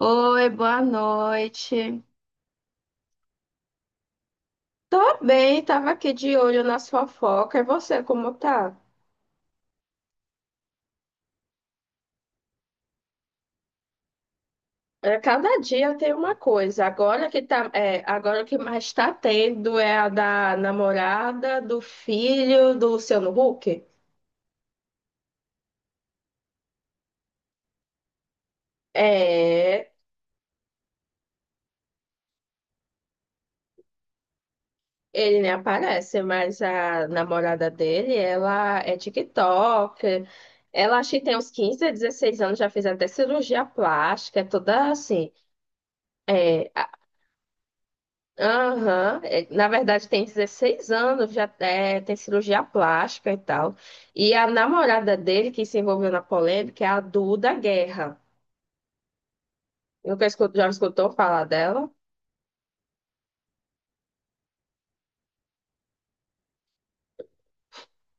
Oi, boa noite. Tô bem, tava aqui de olho nas sua fofoca. E você, como tá? É, cada dia tem uma coisa. Agora que tá, agora o que mais tá tendo é a da namorada, do filho do Luciano Huck. É, ele nem aparece, mas a namorada dele, ela é TikToker. Ela acho que tem uns 15, 16 anos, já fez até cirurgia plástica, é toda assim. É. Aham. É, na verdade, tem 16 anos, já tem cirurgia plástica e tal. E a namorada dele, que se envolveu na polêmica, é a Duda Guerra. Nunca escutou, já escutou falar dela?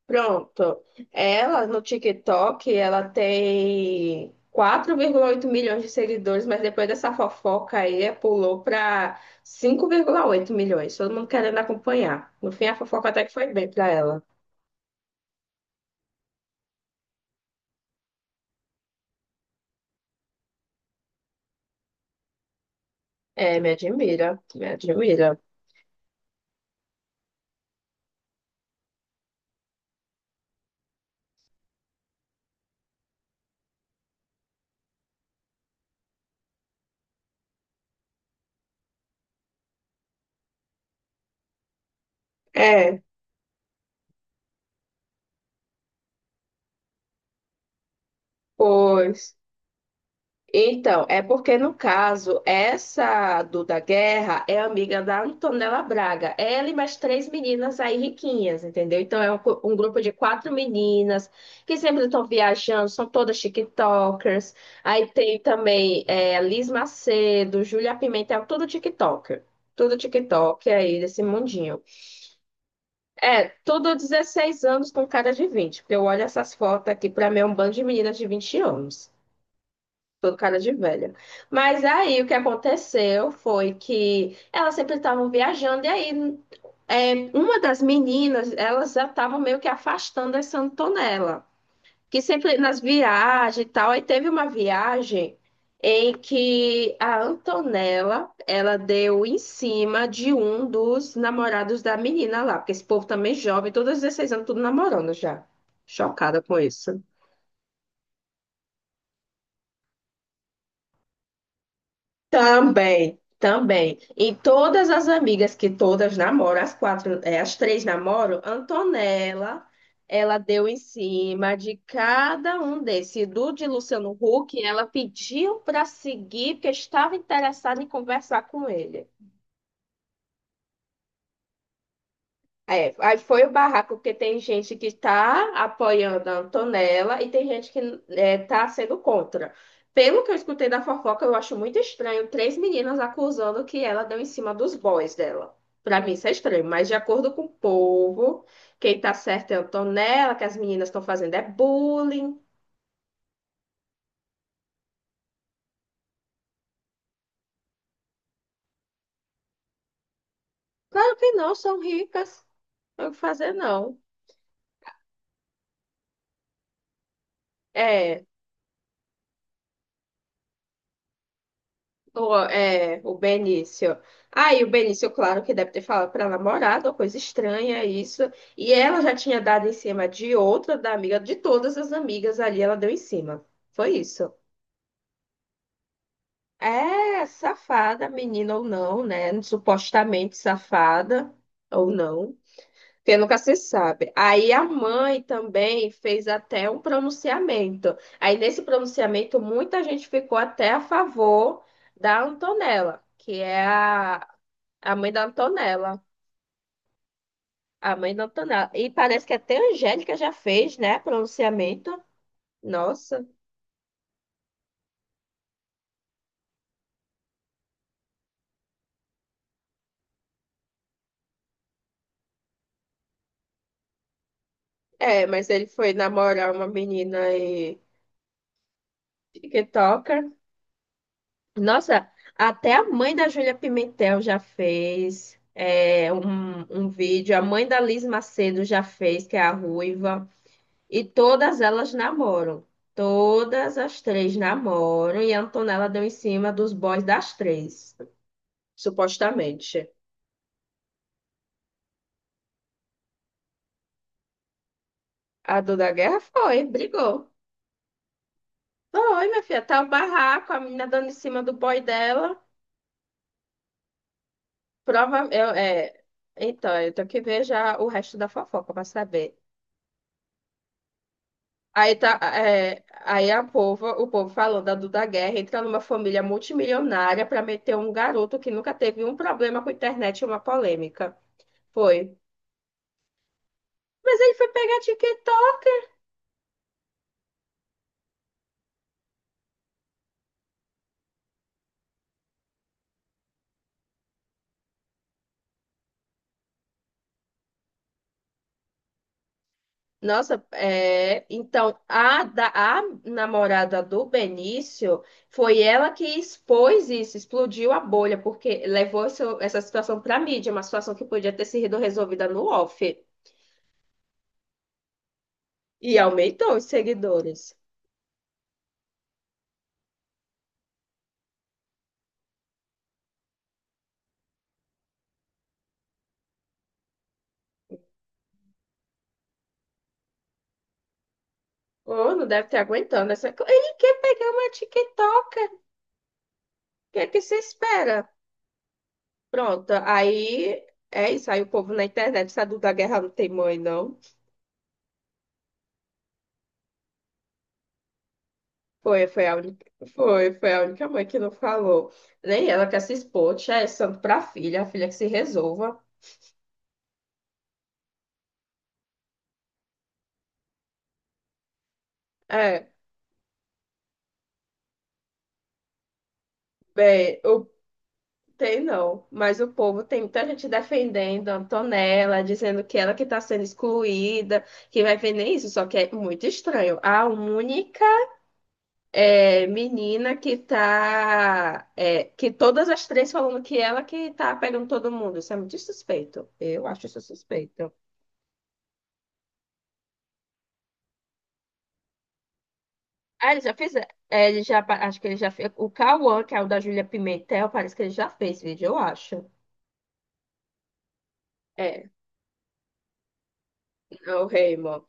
Pronto. Ela, no TikTok, ela tem 4,8 milhões de seguidores, mas depois dessa fofoca aí, pulou para 5,8 milhões. Todo mundo querendo acompanhar. No fim, a fofoca até que foi bem para ela. É, me admira, me admira. É. Pois. Então, é porque no caso, essa Duda Guerra é amiga da Antonella Braga. Ela e mais três meninas aí riquinhas, entendeu? Então é um, um grupo de quatro meninas que sempre estão viajando, são todas TikTokers. Aí tem também Liz Macedo, Júlia Pimentel, tudo TikToker. Tudo TikTok aí desse mundinho. É, tudo 16 anos com cara de 20, porque eu olho essas fotos aqui, pra mim é um bando de meninas de 20 anos. Tô com cara de velha. Mas aí o que aconteceu foi que elas sempre estavam viajando, e aí uma das meninas, elas já estavam meio que afastando essa Antonella, que sempre nas viagens e tal. Aí teve uma viagem em que a Antonella, ela deu em cima de um dos namorados da menina lá, porque esse povo também jovem, todos 16 anos, tudo namorando já. Chocada com isso. Também, também. E todas as amigas que todas namoram, as quatro, as três namoram, Antonella, ela deu em cima de cada um desses. Do de Luciano Huck, ela pediu para seguir, porque estava interessada em conversar com ele. É, aí foi o barraco, porque tem gente que está apoiando a Antonella e tem gente que está sendo contra. Pelo que eu escutei da fofoca, eu acho muito estranho três meninas acusando que ela deu em cima dos boys dela. Para mim isso é estranho, mas de acordo com o povo, quem tá certo é a Antonella, que as meninas estão fazendo é bullying. Claro que não, são ricas, não tem o que fazer não. É. O Benício. Aí o Benício, claro que deve ter falado para a namorada, uma coisa estranha isso. E ela já tinha dado em cima de outra, da amiga, de todas as amigas ali, ela deu em cima. Foi isso. É safada, menina ou não, né? Supostamente safada ou não, porque nunca se sabe. Aí a mãe também fez até um pronunciamento. Aí nesse pronunciamento, muita gente ficou até a favor da Antonella, que é a mãe da Antonella. A mãe da Antonella. E parece que até a Angélica já fez, né? Pronunciamento. Nossa. É, mas ele foi namorar uma menina e TikToker. Nossa, até a mãe da Júlia Pimentel já fez um vídeo. A mãe da Liz Macedo já fez, que é a ruiva. E todas elas namoram. Todas as três namoram. E a Antonella deu em cima dos boys das três, supostamente. A dor da guerra foi, brigou. Foi, minha filha, tá o barraco, a menina dando em cima do boy dela. Prova, então, eu tenho que ver já o resto da fofoca pra saber. Aí tá, aí o povo falando da Duda Guerra entra numa família multimilionária pra meter um garoto que nunca teve um problema com internet e uma polêmica. Foi. Mas ele foi pegar TikTok. Nossa, é, então a namorada do Benício foi ela que expôs isso, explodiu a bolha, porque levou essa situação para mídia, uma situação que podia ter sido resolvida no off e aumentou os seguidores. Ou não deve ter aguentando essa. Ele quer pegar uma TikToker, o que é que você espera? Pronto, aí é isso, aí o povo na internet, essa Duda Guerra não tem mãe, não. Foi a única, foi a única mãe que não falou. Nem ela quer se expor, tia, é santo pra filha, a filha que se resolva. É, bem, tem não, mas o povo tem muita gente defendendo a Antonella, dizendo que ela que tá sendo excluída, que vai ver nem isso, só que é muito estranho. A única menina que tá, que todas as três falando que ela que tá pegando todo mundo, isso é muito suspeito. Eu acho isso suspeito. Ah, ele já fez. Ele já, acho que ele já fez. O Cauã, que é o da Júlia Pimentel, parece que ele já fez vídeo, eu acho. É, é o Raymond.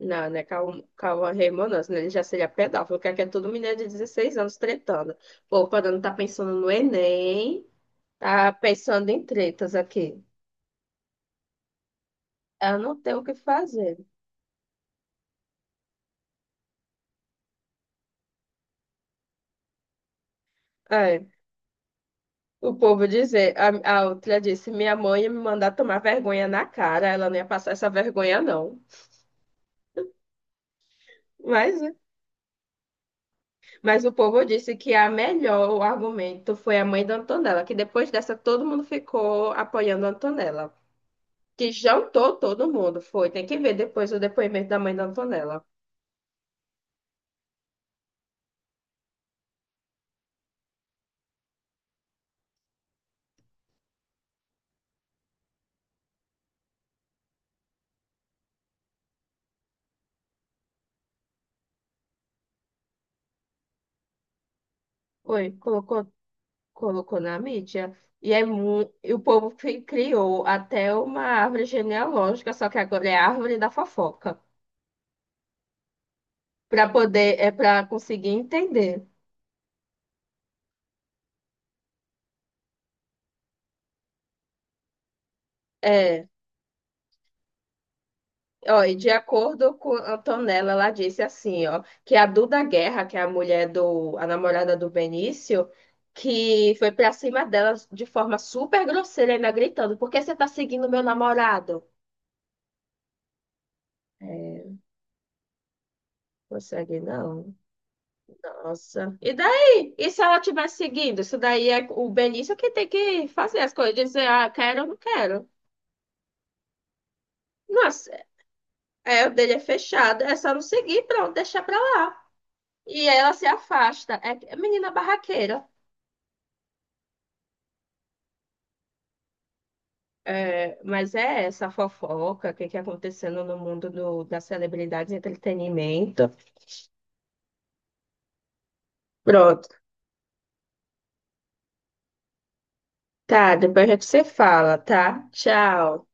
Não, né? Calma, calma, Raymond, não, senão ele já seria pedófilo, que aqui é todo menino de 16 anos tretando. Pô, quando não tá pensando no Enem, tá pensando em tretas aqui. Ela não tem o que fazer. É, o povo dizer, a outra disse, minha mãe ia me mandar tomar vergonha na cara, ela não ia passar essa vergonha, não. Mas o povo disse que a melhor, o argumento foi a mãe da Antonella, que depois dessa todo mundo ficou apoiando a Antonella. Que jantou todo mundo, foi. Tem que ver depois o depoimento da mãe da Antonella. Foi, colocou na mídia. E, e o povo criou até uma árvore genealógica, só que agora é a árvore da fofoca, para poder, é para conseguir entender. É. Ó, e de acordo com a Antonella, ela disse assim, ó, que a Duda Guerra, que é a mulher do, a namorada do Benício, que foi pra cima dela de forma super grosseira, ainda gritando, por que você tá seguindo meu namorado? É, consegue não. Nossa. E daí? E se ela estiver seguindo? Isso daí é o Benício que tem que fazer as coisas, dizer, ah, quero ou não quero. Nossa, o dele é fechado, é só não seguir, pronto, deixar pra lá. E ela se afasta. É menina barraqueira. É, mas é essa fofoca, o que que é acontecendo no mundo da celebridade e entretenimento. Pronto. Tá, depois a gente se fala, tá? Tchau.